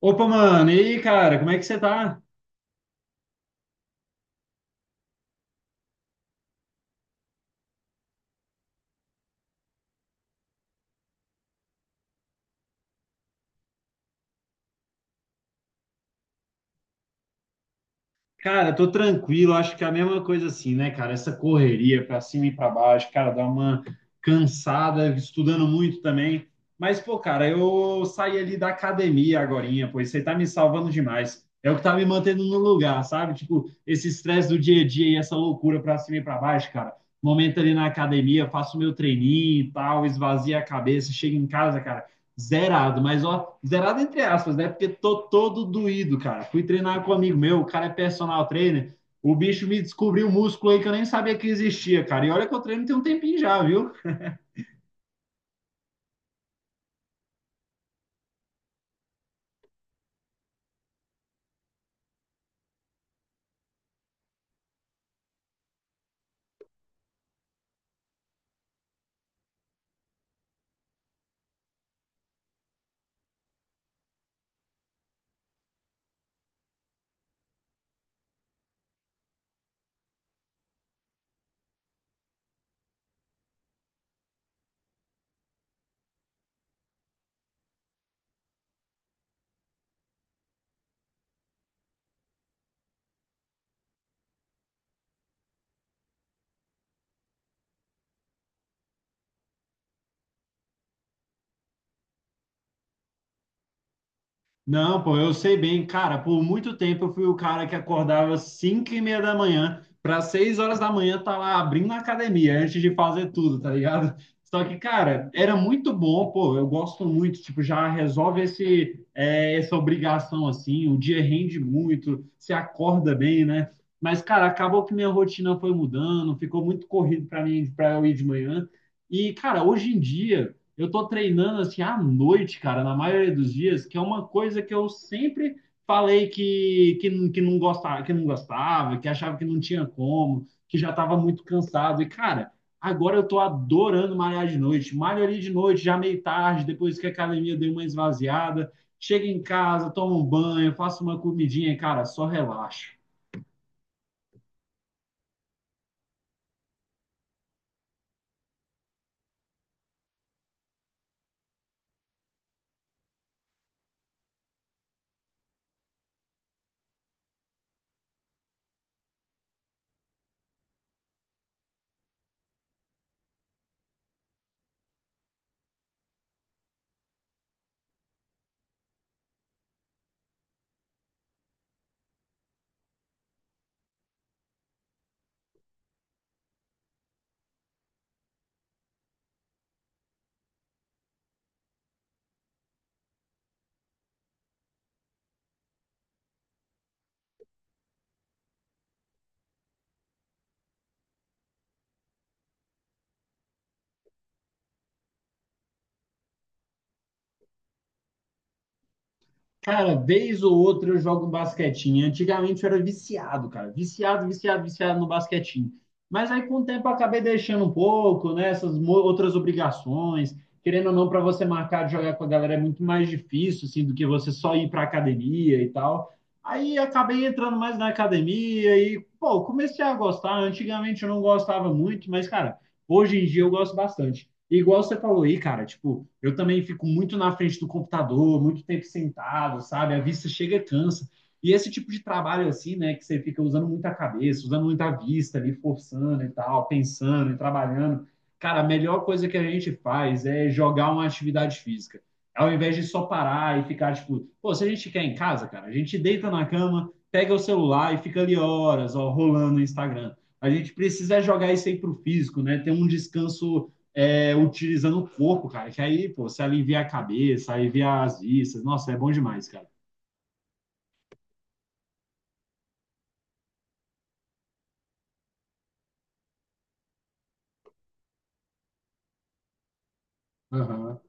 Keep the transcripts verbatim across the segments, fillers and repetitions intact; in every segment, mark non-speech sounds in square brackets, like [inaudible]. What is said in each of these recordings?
Opa, mano, e aí, cara, como é que você tá? Cara, tô tranquilo, acho que é a mesma coisa assim, né, cara? Essa correria pra cima e pra baixo, cara, dá uma cansada, estudando muito também. Mas, pô, cara, eu saí ali da academia agorinha, pois você tá me salvando demais. É o que tá me mantendo no lugar, sabe? Tipo, esse estresse do dia a dia e essa loucura pra cima e pra baixo, cara. Momento ali na academia, faço meu treininho e tal, esvazia a cabeça, chego em casa, cara. Zerado, mas ó, zerado entre aspas, né? Porque tô todo doído, cara. Fui treinar com um amigo meu, o cara é personal trainer. O bicho me descobriu um músculo aí que eu nem sabia que existia, cara. E olha que eu treino tem um tempinho já, viu? Não, pô, eu sei bem, cara, por muito tempo eu fui o cara que acordava às cinco e meia da manhã para seis horas da manhã, tá lá abrindo a academia antes de fazer tudo, tá ligado? Só que, cara, era muito bom, pô, eu gosto muito, tipo, já resolve esse, é, essa obrigação, assim, o dia rende muito, você acorda bem, né? Mas, cara, acabou que minha rotina foi mudando, ficou muito corrido para mim, para eu ir de manhã. E, cara, hoje em dia eu tô treinando assim à noite, cara, na maioria dos dias, que é uma coisa que eu sempre falei que, que, que não gostava, que não gostava, que achava que não tinha como, que já estava muito cansado. E, cara, agora eu tô adorando malhar de noite. Malho ali de noite, já meio tarde, depois que a academia deu uma esvaziada. Chego em casa, tomo um banho, faço uma comidinha, e, cara, só relaxo. Cara, vez ou outra eu jogo um basquetinho. Antigamente eu era viciado, cara. Viciado, viciado, viciado no basquetinho. Mas aí com o tempo eu acabei deixando um pouco, né? Essas mo- outras obrigações. Querendo ou não, para você marcar de jogar com a galera é muito mais difícil, assim, do que você só ir para academia e tal. Aí acabei entrando mais na academia e, pô, comecei a gostar. Antigamente eu não gostava muito, mas, cara, hoje em dia eu gosto bastante. E igual você falou aí, cara, tipo, eu também fico muito na frente do computador, muito tempo sentado, sabe? A vista chega e cansa. E esse tipo de trabalho assim, né, que você fica usando muita cabeça, usando muita vista ali, forçando e tal, pensando e trabalhando. Cara, a melhor coisa que a gente faz é jogar uma atividade física. Ao invés de só parar e ficar, tipo, pô, se a gente quer em casa, cara, a gente deita na cama, pega o celular e fica ali horas, ó, rolando no Instagram. A gente precisa jogar isso aí pro físico, né? Ter um descanso é, utilizando o corpo, cara. Que aí, pô, você alivia a cabeça, alivia as vistas. Nossa, é bom demais, cara. Aham.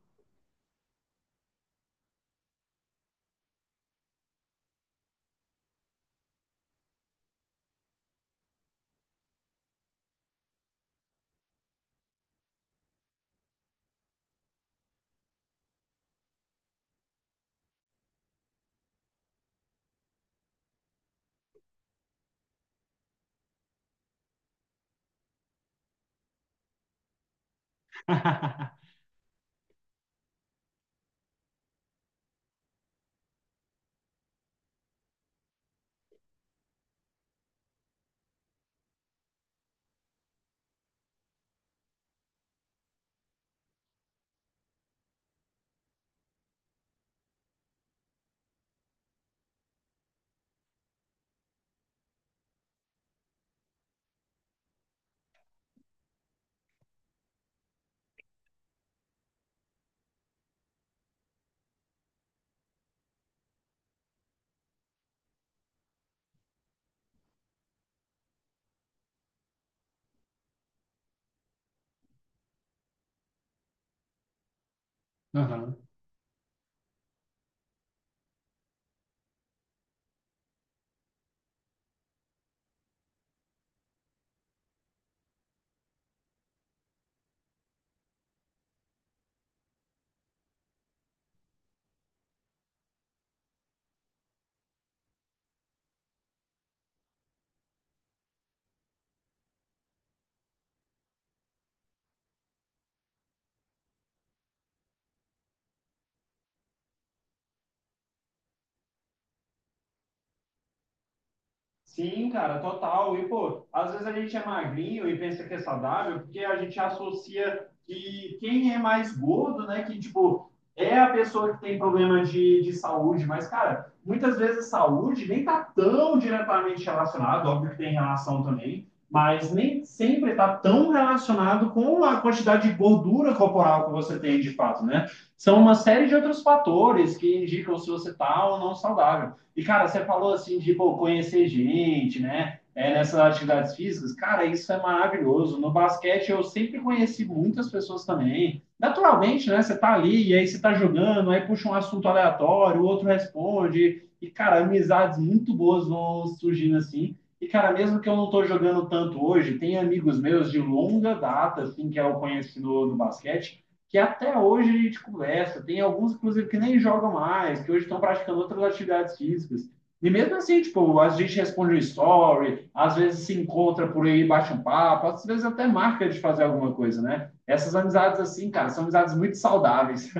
[laughs] Sim, cara, total. E, pô, às vezes a gente é magrinho e pensa que é saudável, porque a gente associa que quem é mais gordo, né, que, tipo, é a pessoa que tem problema de, de saúde. Mas, cara, muitas vezes saúde nem tá tão diretamente relacionado, óbvio que tem relação também, mas nem sempre tá tão relacionado com a quantidade de gordura corporal que você tem, de fato, né? São uma série de outros fatores que indicam se você tá ou não saudável. E, cara, você falou assim de pô, conhecer gente, né? É, nessas atividades físicas, cara, isso é maravilhoso. No basquete eu sempre conheci muitas pessoas também. Naturalmente, né? Você tá ali, e aí você tá jogando, aí puxa um assunto aleatório, o outro responde. E, cara, amizades muito boas vão surgindo assim. E, cara, mesmo que eu não tô jogando tanto hoje, tem amigos meus de longa data, assim, que eu conheci no, no basquete, que até hoje a gente conversa. Tem alguns, inclusive, que nem jogam mais, que hoje estão praticando outras atividades físicas. E mesmo assim, tipo, a gente responde um story, às vezes se encontra por aí, bate um papo, às vezes até marca de fazer alguma coisa, né? Essas amizades assim, cara, são amizades muito saudáveis.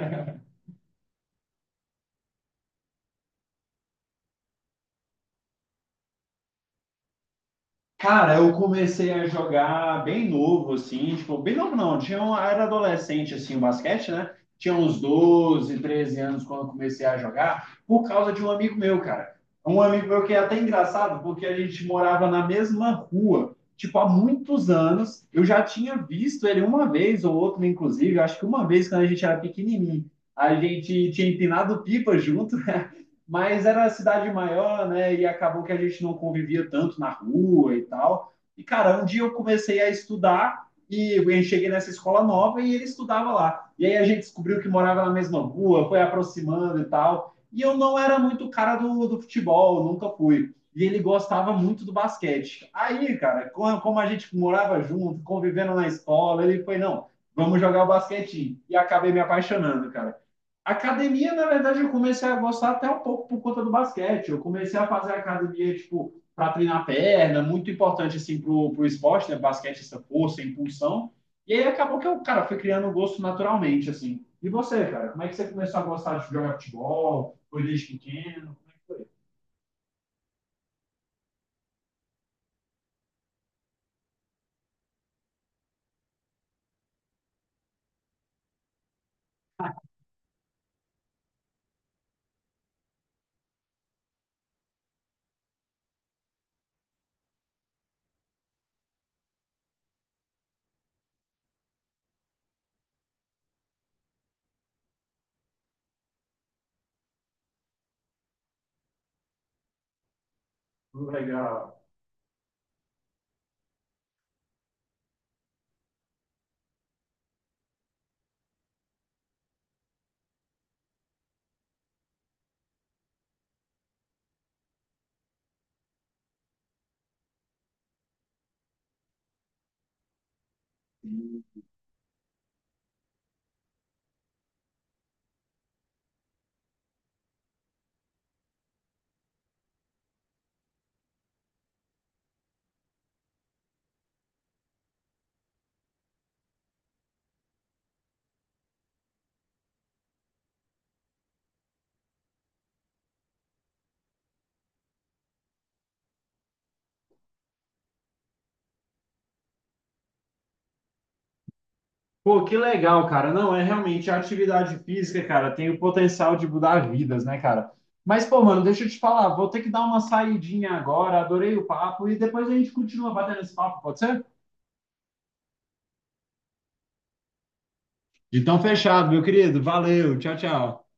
Cara, eu comecei a jogar bem novo, assim, tipo, bem novo não, tinha um, era adolescente, assim, o basquete, né? Tinha uns doze, treze anos quando eu comecei a jogar, por causa de um amigo meu, cara. Um amigo meu que é até engraçado, porque a gente morava na mesma rua, tipo, há muitos anos. Eu já tinha visto ele uma vez ou outra, inclusive, acho que uma vez quando a gente era pequenininho. A gente tinha empinado pipa junto, [laughs] mas era uma cidade maior, né? E acabou que a gente não convivia tanto na rua e tal. E, cara, um dia eu comecei a estudar e eu cheguei nessa escola nova e ele estudava lá. E aí a gente descobriu que morava na mesma rua, foi aproximando e tal. E eu não era muito cara do, do futebol, nunca fui. E ele gostava muito do basquete. Aí, cara, como a gente morava junto, convivendo na escola, ele foi, não, vamos jogar o basquetinho. E acabei me apaixonando, cara. Academia, na verdade, eu comecei a gostar até um pouco por conta do basquete. Eu comecei a fazer academia, tipo, para treinar perna, muito importante, assim, pro, pro esporte, né? Basquete, essa força, impulsão. E aí acabou que eu, cara, fui criando um gosto naturalmente, assim. E você, cara? Como é que você começou a gostar de jogar futebol? Foi desde pequeno? Como é que foi? Foi legal. Pô, que legal, cara. Não, é realmente a atividade física, cara, tem o potencial de mudar vidas, né, cara? Mas, pô, mano, deixa eu te falar, vou ter que dar uma saidinha agora, adorei o papo, e depois a gente continua batendo esse papo, pode ser? Então, fechado, meu querido. Valeu, tchau, tchau.